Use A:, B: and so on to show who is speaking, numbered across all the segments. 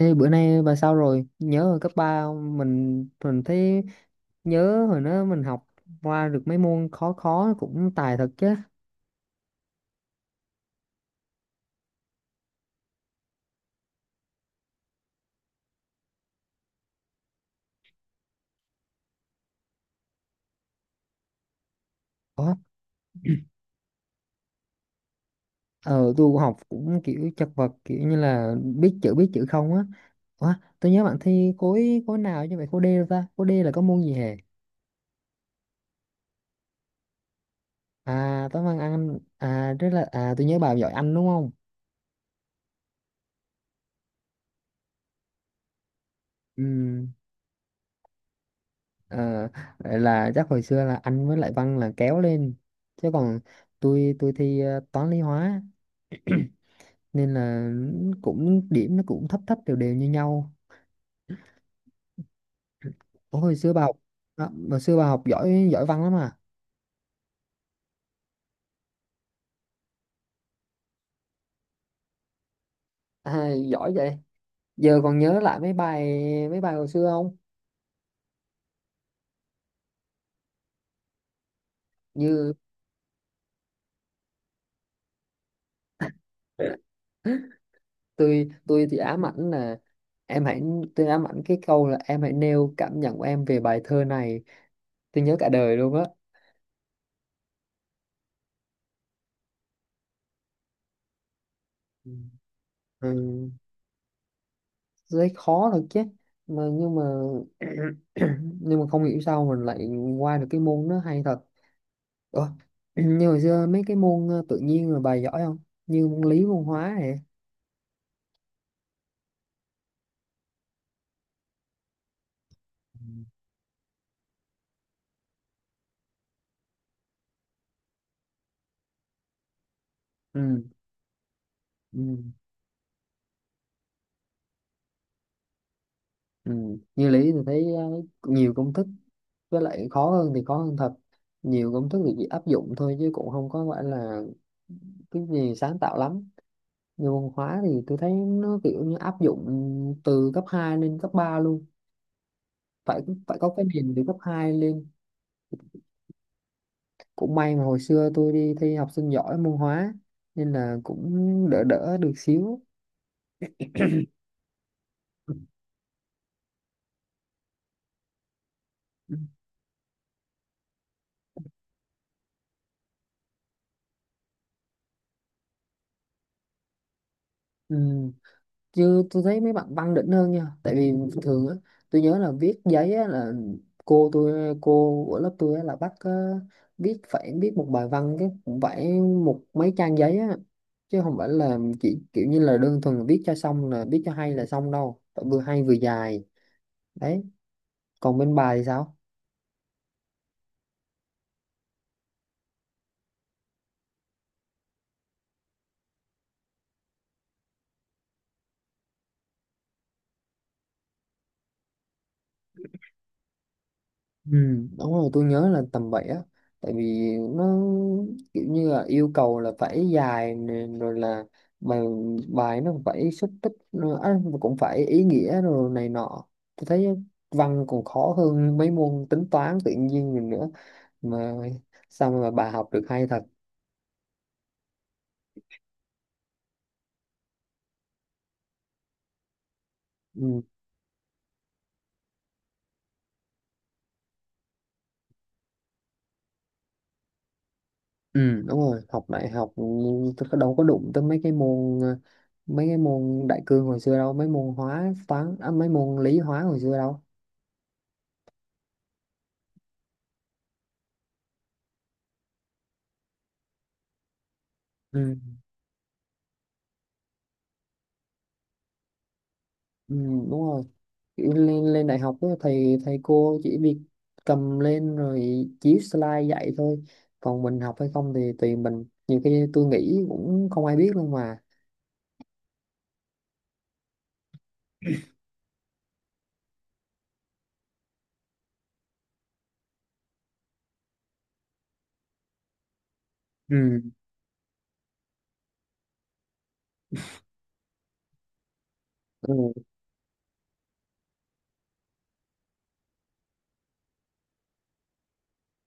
A: Ê, bữa nay bà sao rồi? Nhớ hồi cấp 3 không? Mình thấy nhớ hồi đó mình học qua được mấy môn khó khó cũng tài thật chứ. Ủa, ờ tôi học cũng kiểu chật vật kiểu như là biết chữ không á. Ủa, tôi nhớ bạn thi khối khối nào như vậy, khối D đâu ta? Khối D là có môn gì hề? À, toán văn anh à, rất là, à, tôi nhớ bà giỏi anh đúng không? Ừ. Ờ, vậy là chắc hồi xưa là anh với lại văn là kéo lên, chứ còn tôi thi toán lý hóa, nên là cũng điểm nó cũng thấp thấp đều đều như nhau. Ủa, hồi xưa bà học giỏi giỏi văn lắm à? À, giỏi vậy giờ còn nhớ lại mấy bài hồi xưa không, như tôi thì ám ảnh là, em hãy tôi ám ảnh cái câu là: em hãy nêu cảm nhận của em về bài thơ này. Tôi nhớ cả đời luôn á. Ừ. Ừ. Thấy khó thật chứ, nhưng mà nhưng mà không hiểu sao mình lại qua được cái môn, nó hay thật. Ủa? Như hồi xưa mấy cái môn tự nhiên rồi bà giỏi không, như môn lý môn hóa này. Ừ. Ừ. Ừ. Như lý thì thấy nhiều công thức, với lại khó hơn thì khó hơn thật, nhiều công thức thì chỉ áp dụng thôi chứ cũng không có phải là cái gì sáng tạo lắm. Như môn hóa thì tôi thấy nó kiểu như áp dụng từ cấp 2 lên cấp 3 luôn, phải phải có cái nền từ cấp 2 lên. Cũng may mà hồi xưa tôi đi thi học sinh giỏi môn hóa nên là cũng đỡ đỡ được xíu. Ừ. Ừ. Chứ tôi thấy mấy bạn văn đỉnh hơn nha, tại vì thường á, tôi nhớ là viết giấy á là, cô của lớp tôi á là bắt viết một bài văn cái cũng phải một mấy trang giấy á, chứ không phải là chỉ kiểu như là đơn thuần viết cho xong, là viết cho hay là xong đâu, phải vừa hay vừa dài đấy. Còn bên bài thì sao? Ừ, đúng rồi, tôi nhớ là tầm vậy á, tại vì nó kiểu như là yêu cầu là phải dài nè, rồi là bài bài nó phải xúc tích nữa á, mà cũng phải ý nghĩa rồi này nọ. Tôi thấy văn còn khó hơn mấy môn tính toán tự nhiên rồi nữa, mà sao mà bà học được hay thật. Ừ, ừ đúng rồi, học đại học nhưng tôi đâu có đụng tới mấy cái môn đại cương hồi xưa đâu, mấy môn lý hóa hồi xưa đâu. Ừ. Ừ, đúng rồi. Kiểu lên lên đại học á, thầy thầy cô chỉ việc cầm lên rồi chiếu slide dạy thôi, còn mình học hay không thì tùy mình, nhiều khi tôi nghĩ cũng không ai biết luôn mà. Ừ. Ừ,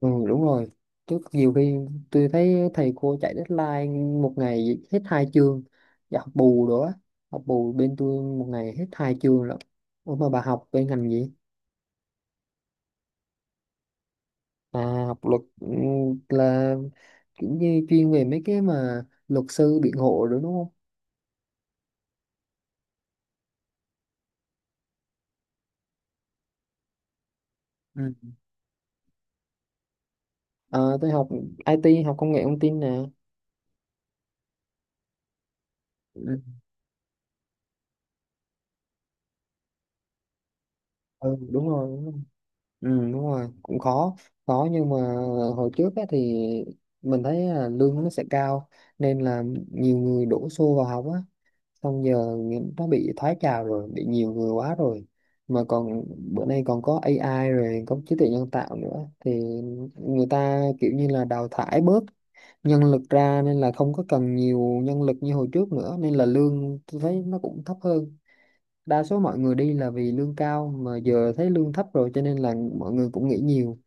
A: ừ, đúng rồi, chứ nhiều khi tôi thấy thầy cô chạy deadline một ngày hết hai chương, và học bù nữa, học bù bên tôi một ngày hết hai chương lận. Ủa, mà bà học bên ngành gì? À, học luật là kiểu như chuyên về mấy cái mà luật sư biện hộ đó đúng không? Ừ. À, tôi học IT, học công nghệ thông tin nè. Ừ. Ừ, đúng rồi, đúng rồi. Ừ, đúng rồi, cũng khó. Khó nhưng mà hồi trước á, thì mình thấy là lương nó sẽ cao nên là nhiều người đổ xô vào học á. Xong giờ nó bị thoái trào rồi, bị nhiều người quá rồi, mà còn bữa nay còn có AI rồi, có trí tuệ nhân tạo nữa, thì người ta kiểu như là đào thải bớt nhân lực ra nên là không có cần nhiều nhân lực như hồi trước nữa, nên là lương tôi thấy nó cũng thấp hơn. Đa số mọi người đi là vì lương cao, mà giờ thấy lương thấp rồi cho nên là mọi người cũng nghỉ nhiều.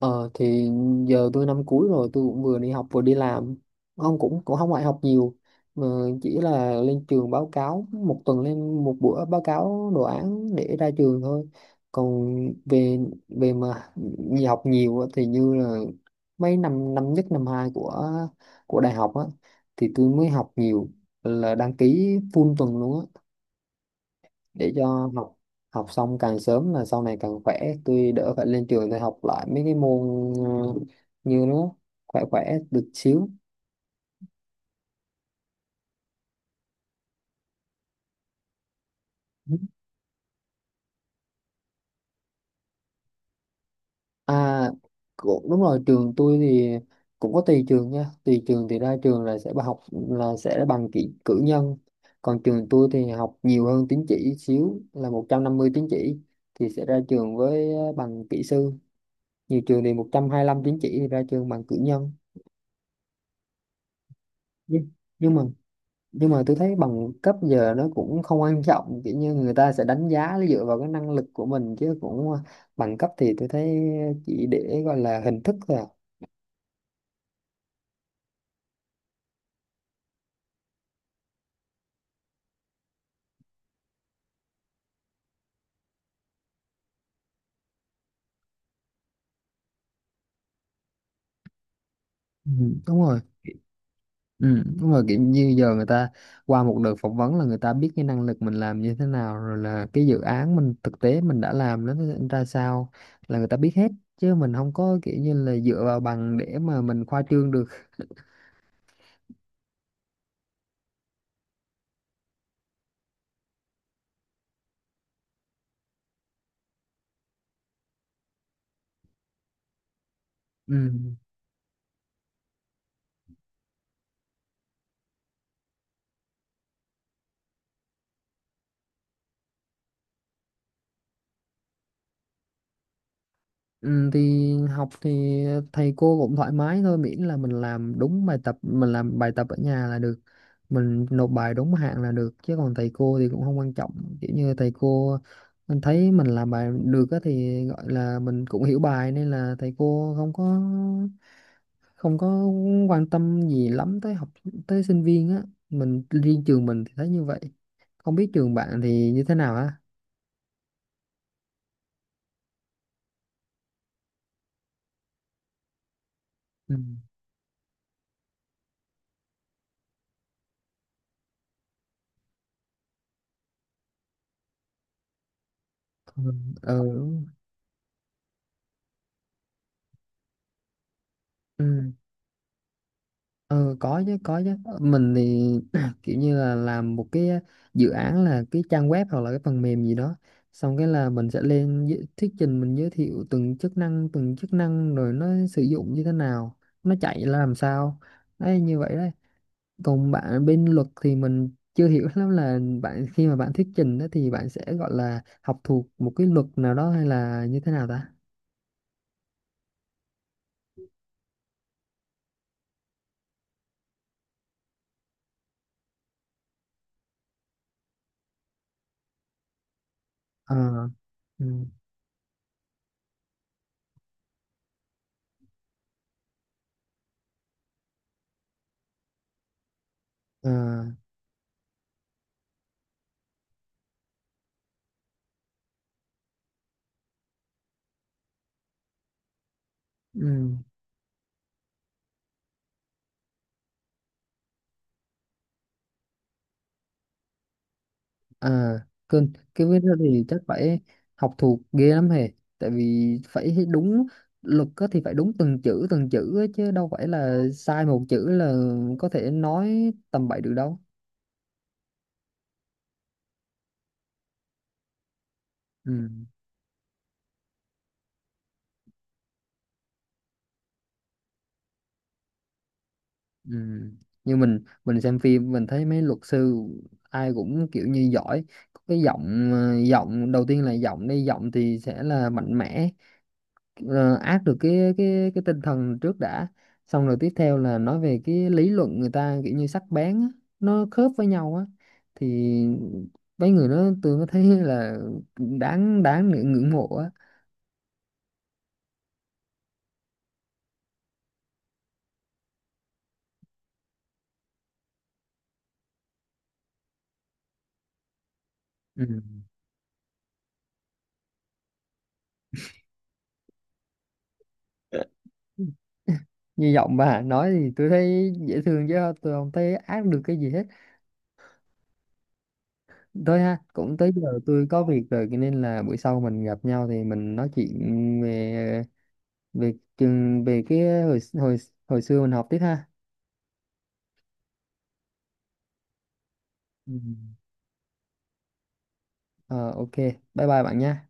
A: Ờ thì giờ tôi năm cuối rồi, tôi cũng vừa đi học vừa đi làm, không cũng cũng không phải học nhiều, mà chỉ là lên trường báo cáo, một tuần lên một bữa báo cáo đồ án để ra trường thôi. Còn về về mà đi học nhiều á, thì như là mấy năm năm nhất năm hai của đại học á, thì tôi mới học nhiều, là đăng ký full tuần luôn á, để cho học học xong càng sớm là sau này càng khỏe, tôi đỡ phải lên trường để học lại mấy cái môn như nó, khỏe khỏe được xíu. À, cũng đúng rồi, trường tôi thì cũng có tùy trường nha, tùy trường thì ra trường là sẽ, bà học là sẽ bằng cử nhân, còn trường tôi thì học nhiều hơn tín chỉ xíu, là 150 tín chỉ thì sẽ ra trường với bằng kỹ sư, nhiều trường thì 125 tín chỉ thì ra trường bằng cử nhân. Nhưng nhưng mà nhưng mà tôi thấy bằng cấp giờ nó cũng không quan trọng, kiểu như người ta sẽ đánh giá dựa vào cái năng lực của mình chứ cũng, bằng cấp thì tôi thấy chỉ để gọi là hình thức thôi à. Ừ, đúng rồi. Ừ, đúng rồi, kiểu như giờ người ta qua một đợt phỏng vấn là người ta biết cái năng lực mình làm như thế nào rồi, là cái dự án mình thực tế mình đã làm nó ra sao là người ta biết hết, chứ mình không có kiểu như là dựa vào bằng để mà mình khoa trương được. Ừ. Ừ, thì học thì thầy cô cũng thoải mái thôi, miễn là mình làm đúng bài tập, mình làm bài tập ở nhà là được, mình nộp bài đúng hạn là được, chứ còn thầy cô thì cũng không quan trọng, kiểu như thầy cô mình thấy mình làm bài được á thì gọi là mình cũng hiểu bài, nên là thầy cô không có quan tâm gì lắm tới tới sinh viên á. Mình riêng trường mình thì thấy như vậy, không biết trường bạn thì như thế nào á. Ừ. Ừ. Ừ. Ừ, có chứ, có chứ. Ờ, mình thì kiểu như là làm một cái dự án, là cái trang web hoặc là cái phần mềm gì đó, xong cái là mình sẽ lên thuyết trình, mình giới thiệu từng chức năng rồi nó sử dụng như thế nào, nó chạy là làm sao, đấy, như vậy đấy. Còn bạn bên luật thì mình chưa hiểu lắm, là bạn khi mà bạn thuyết trình đó thì bạn sẽ gọi là học thuộc một cái luật nào đó hay là như thế nào ta? Ờ, ừ, ờ, ừ. À, cơn cái viết đó thì chắc phải học thuộc ghê lắm hề, tại vì phải đúng luật á thì phải đúng từng chữ á, chứ đâu phải là sai một chữ là có thể nói tầm bậy được đâu. Ừ, ừ. Như mình xem phim, mình thấy mấy luật sư ai cũng kiểu như giỏi, có cái giọng giọng đầu tiên là giọng đi, giọng thì sẽ là mạnh mẽ, áp được cái tinh thần trước đã, xong rồi tiếp theo là nói về cái lý luận, người ta kiểu như sắc bén á, nó khớp với nhau á, thì mấy người đó tôi mới thấy là đáng đáng để ngưỡng mộ á. Ừ. Như giọng bà nói thì tôi thấy dễ thương chứ, tôi không thấy ác được cái gì hết. Thôi ha, cũng tới giờ tôi có việc rồi cho nên là buổi sau mình gặp nhau thì mình nói chuyện về về trường, về cái hồi hồi hồi xưa mình học tiếp ha. Ừ. Ờ, ok, bye bye bạn nhé.